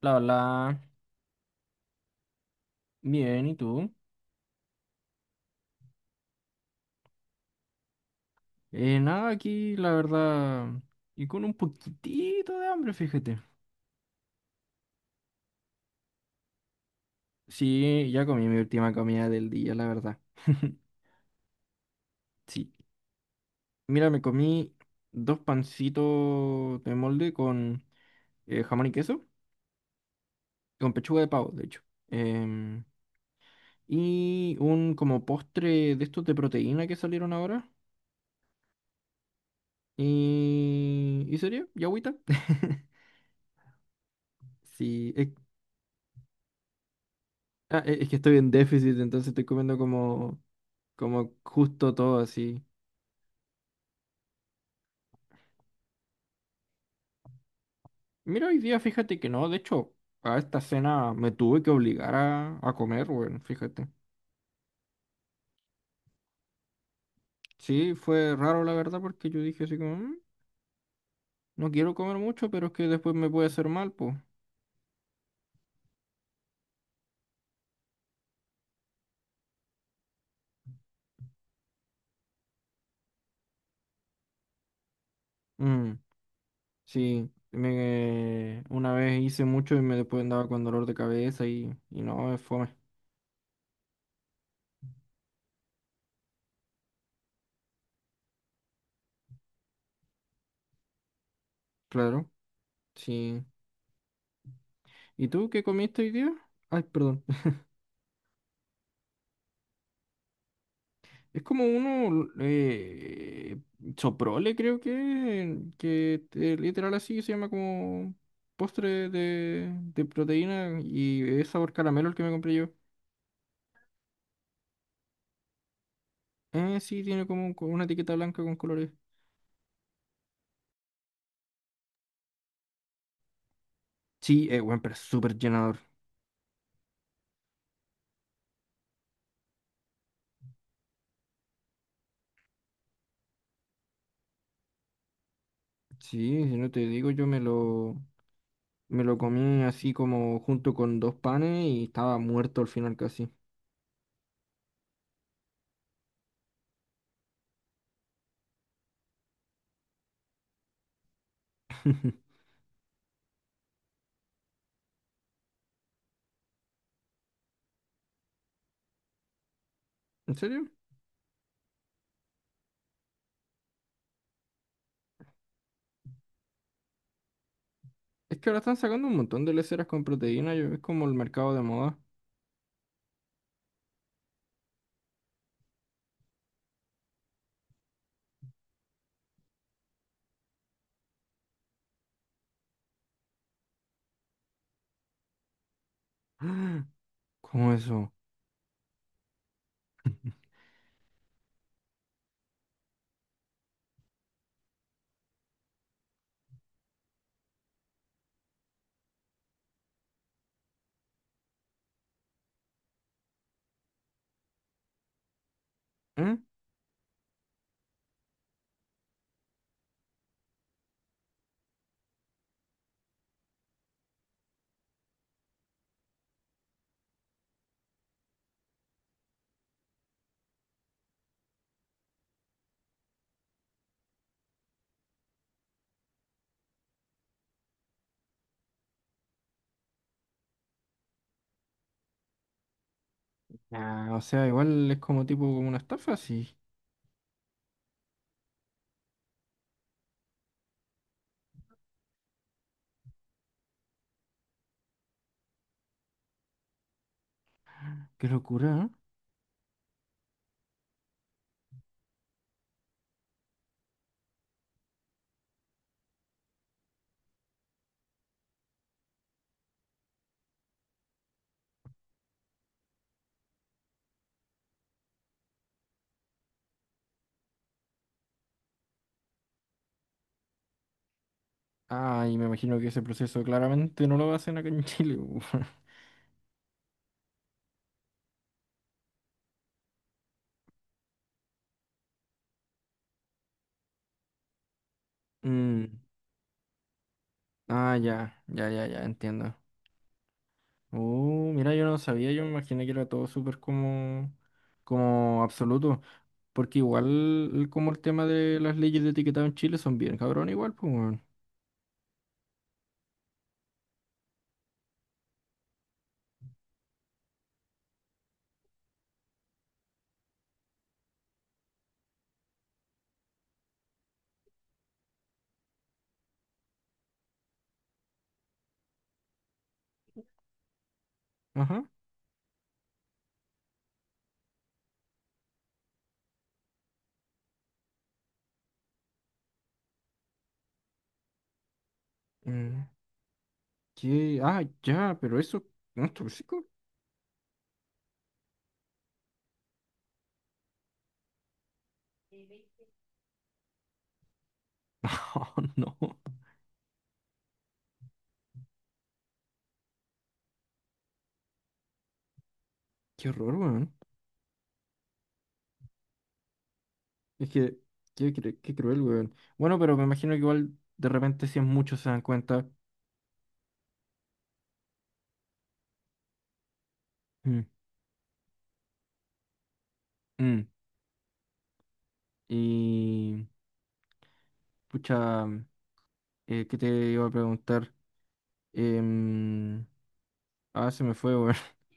La Hola, bien, ¿y tú? Nada, aquí la verdad, y con un poquitito de hambre, fíjate. Sí, ya comí mi última comida del día, la verdad. Sí. Mira, me comí dos pancitos de molde con jamón y queso, con pechuga de pavo, de hecho. Em, y un como postre de estos de proteína que salieron ahora. Y sería, y agüita. Sí, es. Ah, es que estoy en déficit, entonces estoy comiendo como justo todo así. Mira, hoy día fíjate que no, de hecho, a esta cena me tuve que obligar a comer, bueno, fíjate. Sí, fue raro la verdad porque yo dije así como, "Mm, no quiero comer mucho, pero es que después me puede hacer mal, pues." Mm, sí, una vez hice mucho y me después andaba con dolor de cabeza y no, es fome. Claro, sí. ¿Y tú qué comiste hoy día? Ay, perdón. Es como uno, Soprole, creo que literal así se llama como postre de proteína y es sabor caramelo el que me compré yo. Sí, tiene como una etiqueta blanca con colores. Sí, es bueno, pero es súper llenador. Sí, si no te digo, yo me lo comí así como junto con dos panes y estaba muerto al final casi. ¿En serio? Es que ahora están sacando un montón de leceras con proteína, yo, es como el mercado de moda. ¿Cómo eso? ¿Mm? Ah, o sea, igual es como tipo como una estafa, sí. Qué locura, ¿eh? Ah, y me imagino que ese proceso claramente no lo hacen acá en Chile. Mm. Ah, ya, ya, ya, ya, entiendo. Mira, yo no sabía, yo me imaginé que era todo súper como absoluto. Porque igual como el tema de las leyes de etiquetado en Chile son bien cabrón igual, pues, weón. Ajá. Mm. ¿Qué? Ah, ya, pero eso, ¿no es tóxico? No, no. Qué horror, weón. Es que, qué, qué cruel, weón. Bueno, pero me imagino que igual de repente si es mucho se dan cuenta. Mm, mm. Y, pucha, ¿qué te iba a preguntar? Em, ah, se me fue, weón.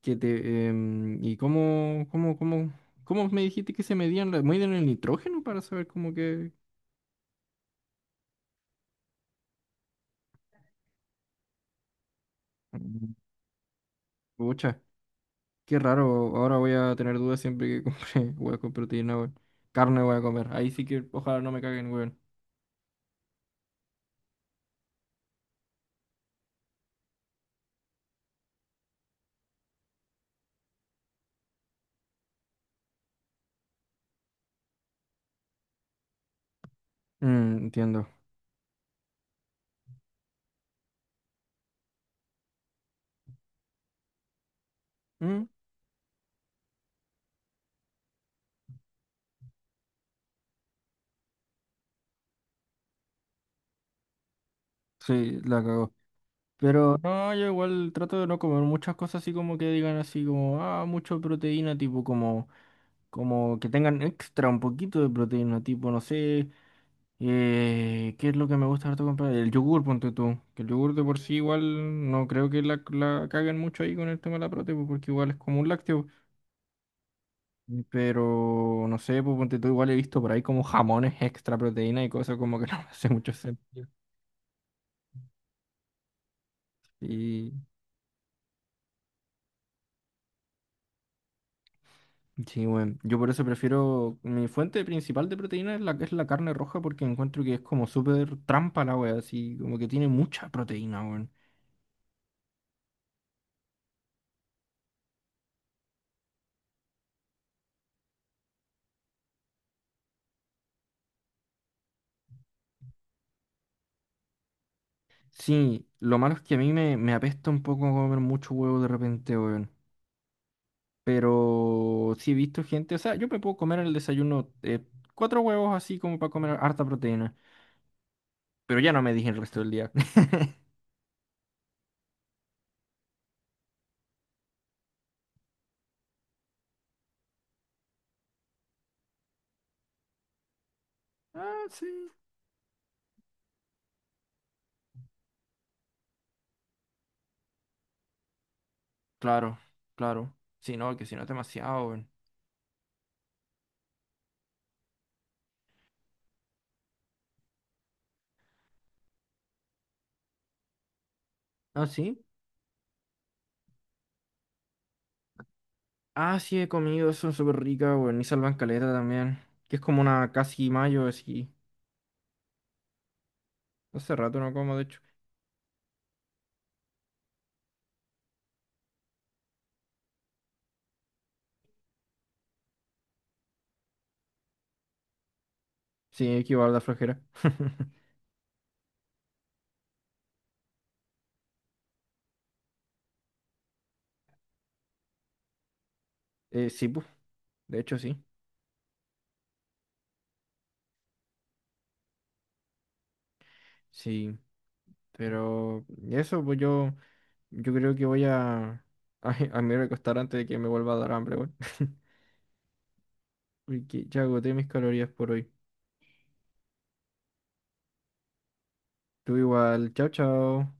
¿Y cómo me dijiste que se medían, medían el nitrógeno para saber cómo que... Mm. Pucha, qué raro. Ahora voy a tener dudas siempre que compre hueco proteína, weón. Carne voy a comer. Ahí sí que ojalá no me caguen, weón. Entiendo. Mm. Sí, la cagó. Pero no, yo igual trato de no comer muchas cosas así como que digan así como, ah, mucho proteína, tipo como que tengan extra un poquito de proteína, tipo, no sé, ¿qué es lo que me gusta harto comprar? El yogur, ponte tú. Que el yogur de por sí igual no creo que la caguen mucho ahí con el tema de la proteína, porque igual es como un lácteo. Pero no sé, pues ponte tú igual he visto por ahí como jamones extra proteína y cosas como que no me hace mucho sentido. Sí, bueno, yo por eso prefiero mi fuente principal de proteína es la carne roja porque encuentro que es como súper trampa la wea, así como que tiene mucha proteína, weón. Sí, lo malo es que a mí me apesta un poco comer mucho huevo de repente, weón. Pero sí he visto gente, o sea, yo me puedo comer en el desayuno cuatro huevos así como para comer harta proteína, pero ya no me dije el resto del día. Ah, sí. Claro, claro. Sí, no, que si no es demasiado, weón. Ah, sí. Ah, sí, he comido, son súper ricas, weón. Y salvan caleta también. Que es como una casi mayo, así. Hace rato no como, de hecho. Sí, es que igual da flojera. Sí, pues. De hecho, sí. Sí. Pero eso, pues yo creo que voy a, a me recostar antes de que me vuelva a dar hambre, weón. Porque ya agoté mis calorías por hoy. Tú igual. Chao, chao.